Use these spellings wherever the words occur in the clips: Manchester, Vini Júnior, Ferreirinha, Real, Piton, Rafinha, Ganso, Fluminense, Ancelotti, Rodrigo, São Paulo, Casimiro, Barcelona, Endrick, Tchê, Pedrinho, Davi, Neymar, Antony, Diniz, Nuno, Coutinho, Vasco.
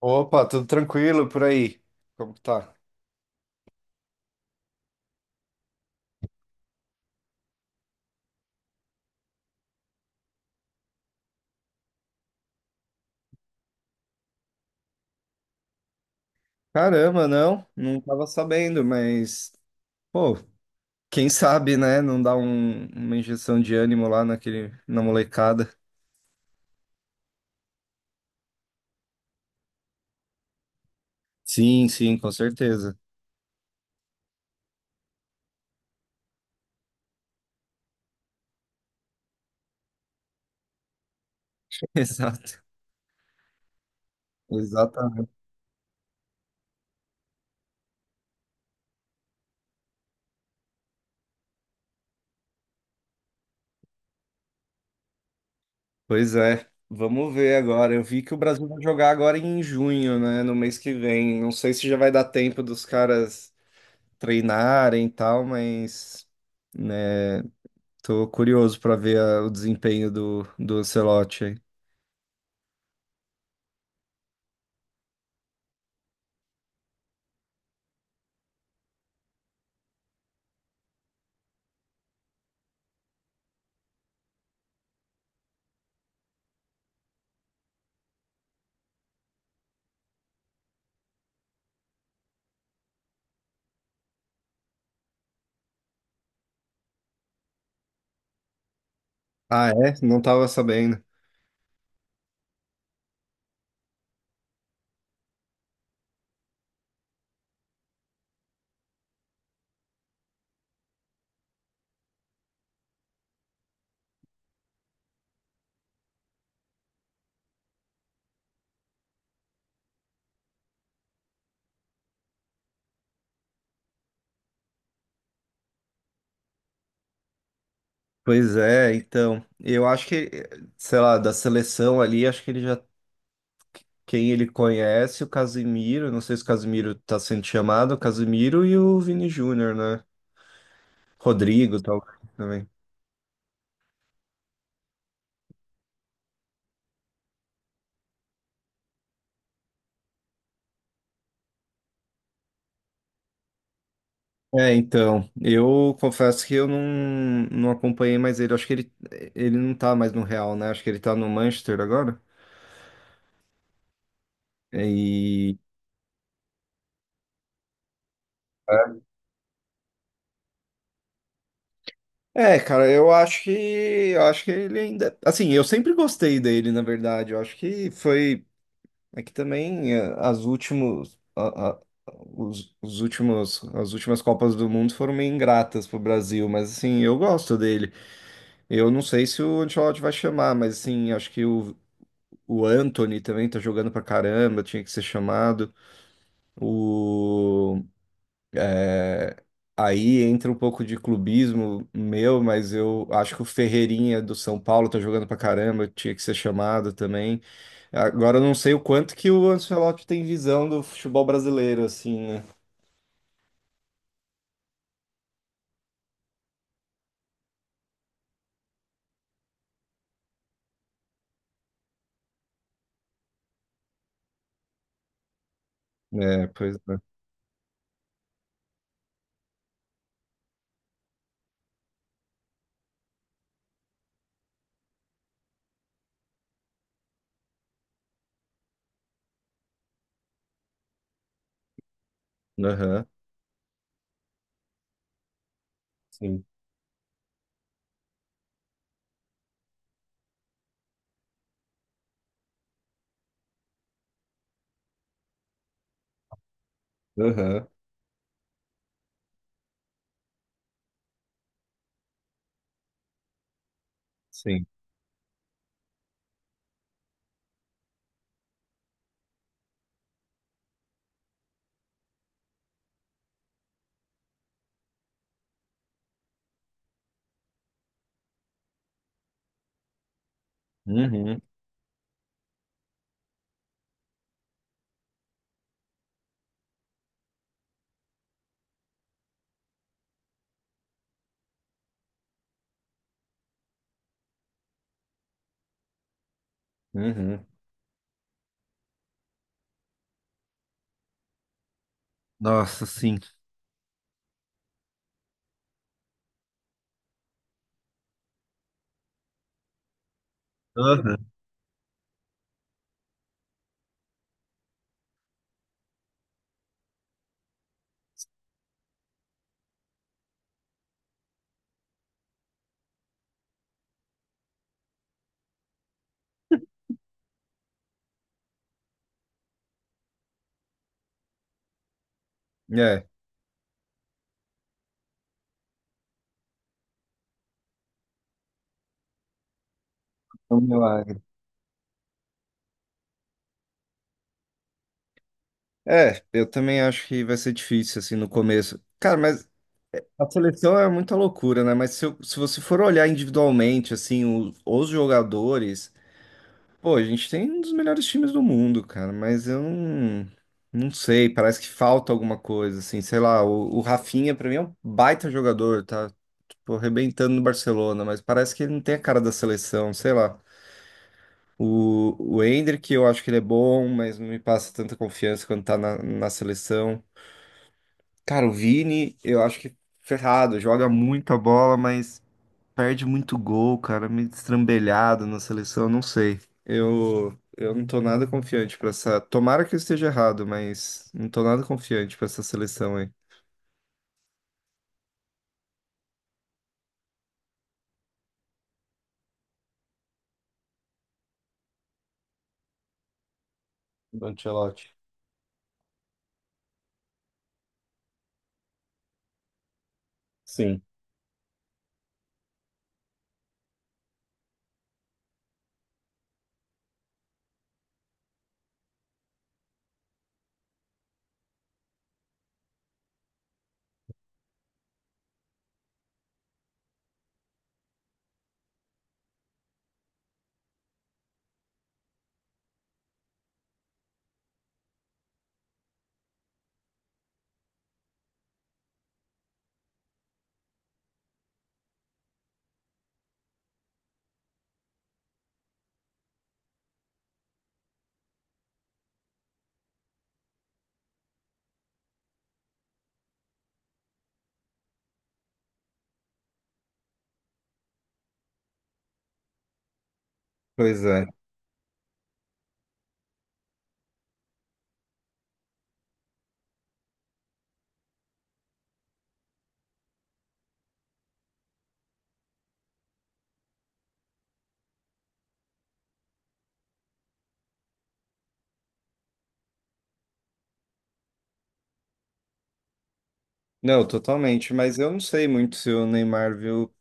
Opa, tudo tranquilo por aí? Como que tá? Caramba, não tava sabendo, mas, pô, quem sabe, né? Não dá uma injeção de ânimo lá na molecada. Sim, sim, com certeza. Exato, exatamente. Pois é, vamos ver agora. Eu vi que o Brasil vai jogar agora em junho, né? No mês que vem. Não sei se já vai dar tempo dos caras treinarem e tal, mas, né, tô curioso pra ver o desempenho do Ancelotti aí. Ah, é? Não tava sabendo. Pois é, então. Eu acho que, sei lá, da seleção ali, acho que ele já. Quem ele conhece, o Casimiro, não sei se o Casimiro tá sendo chamado, o Casimiro e o Vini Júnior, né? Rodrigo, tal, também. É, então, eu confesso que eu não acompanhei mais ele. Acho que ele não tá mais no Real, né? Acho que ele tá no Manchester agora. E É, cara, eu acho que ele ainda, assim, eu sempre gostei dele, na verdade. Eu acho que foi é que também as últimos a- os últimos as últimas Copas do Mundo foram meio ingratas pro Brasil, mas assim, eu gosto dele. Eu não sei se o Ancelotti vai chamar, mas assim, acho que o Antony também tá jogando pra caramba, tinha que ser chamado. O Aí entra um pouco de clubismo meu, mas eu acho que o Ferreirinha do São Paulo tá jogando pra caramba, tinha que ser chamado também. Agora eu não sei o quanto que o Ancelotti tem visão do futebol brasileiro, assim, né? É, pois é. Aham, sim. Aham, sim. Uhum, uhum. Nossa, sim. Aham. É. É um milagre. É, eu também acho que vai ser difícil, assim, no começo. Cara, mas a seleção é muita loucura, né? Mas se, se você for olhar individualmente, assim, os jogadores, pô, a gente tem um dos melhores times do mundo, cara, mas eu não sei, parece que falta alguma coisa, assim, sei lá, o Rafinha, pra mim, é um baita jogador, tá, tipo, arrebentando no Barcelona, mas parece que ele não tem a cara da seleção, sei lá. O Endrick, eu acho que ele é bom, mas não me passa tanta confiança quando tá na seleção. Cara, o Vini, eu acho que ferrado, joga muita bola, mas. Perde muito gol, cara, meio destrambelhado na seleção, não sei. Eu não tô nada confiante pra essa. Tomara que eu esteja errado, mas não tô nada confiante pra essa seleção aí. Do Ancelotti. Sim. Pois é. Não, totalmente, mas eu não sei muito se o Neymar viu.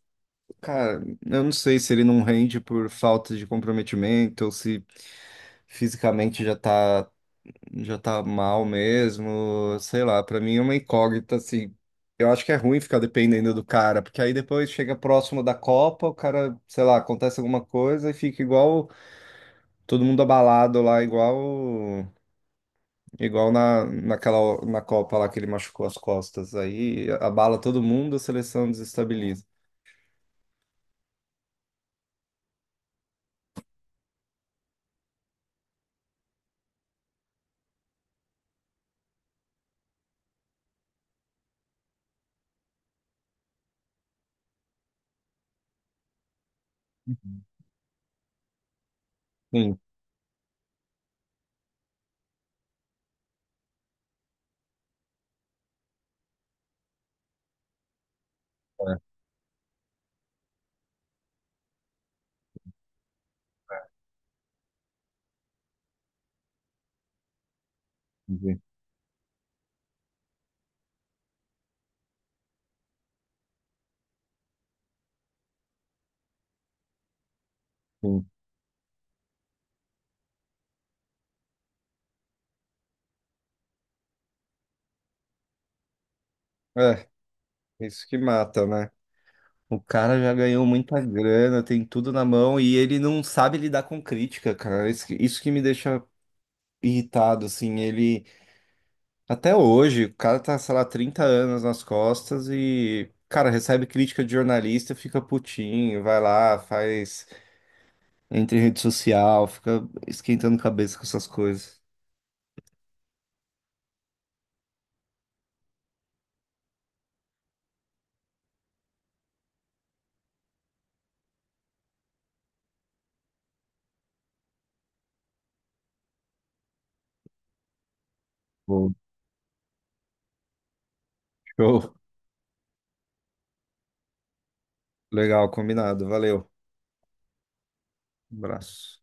Cara, eu não sei se ele não rende por falta de comprometimento ou se fisicamente já tá mal mesmo, sei lá, pra mim é uma incógnita, assim. Eu acho que é ruim ficar dependendo do cara, porque aí depois chega próximo da Copa, o cara, sei lá, acontece alguma coisa e fica igual todo mundo abalado lá, igual na, naquela na Copa lá que ele machucou as costas. Aí abala todo mundo, a seleção desestabiliza. Sim, é, sim. Sim. É, isso que mata, né? O cara já ganhou muita grana, tem tudo na mão e ele não sabe lidar com crítica, cara. Isso que me deixa irritado, assim. Ele, até hoje, o cara tá, sei lá, 30 anos nas costas e, cara, recebe crítica de jornalista, fica putinho, vai lá, faz, entra em rede social, fica esquentando cabeça com essas coisas. Bom, show. Legal, combinado. Valeu. Abraço.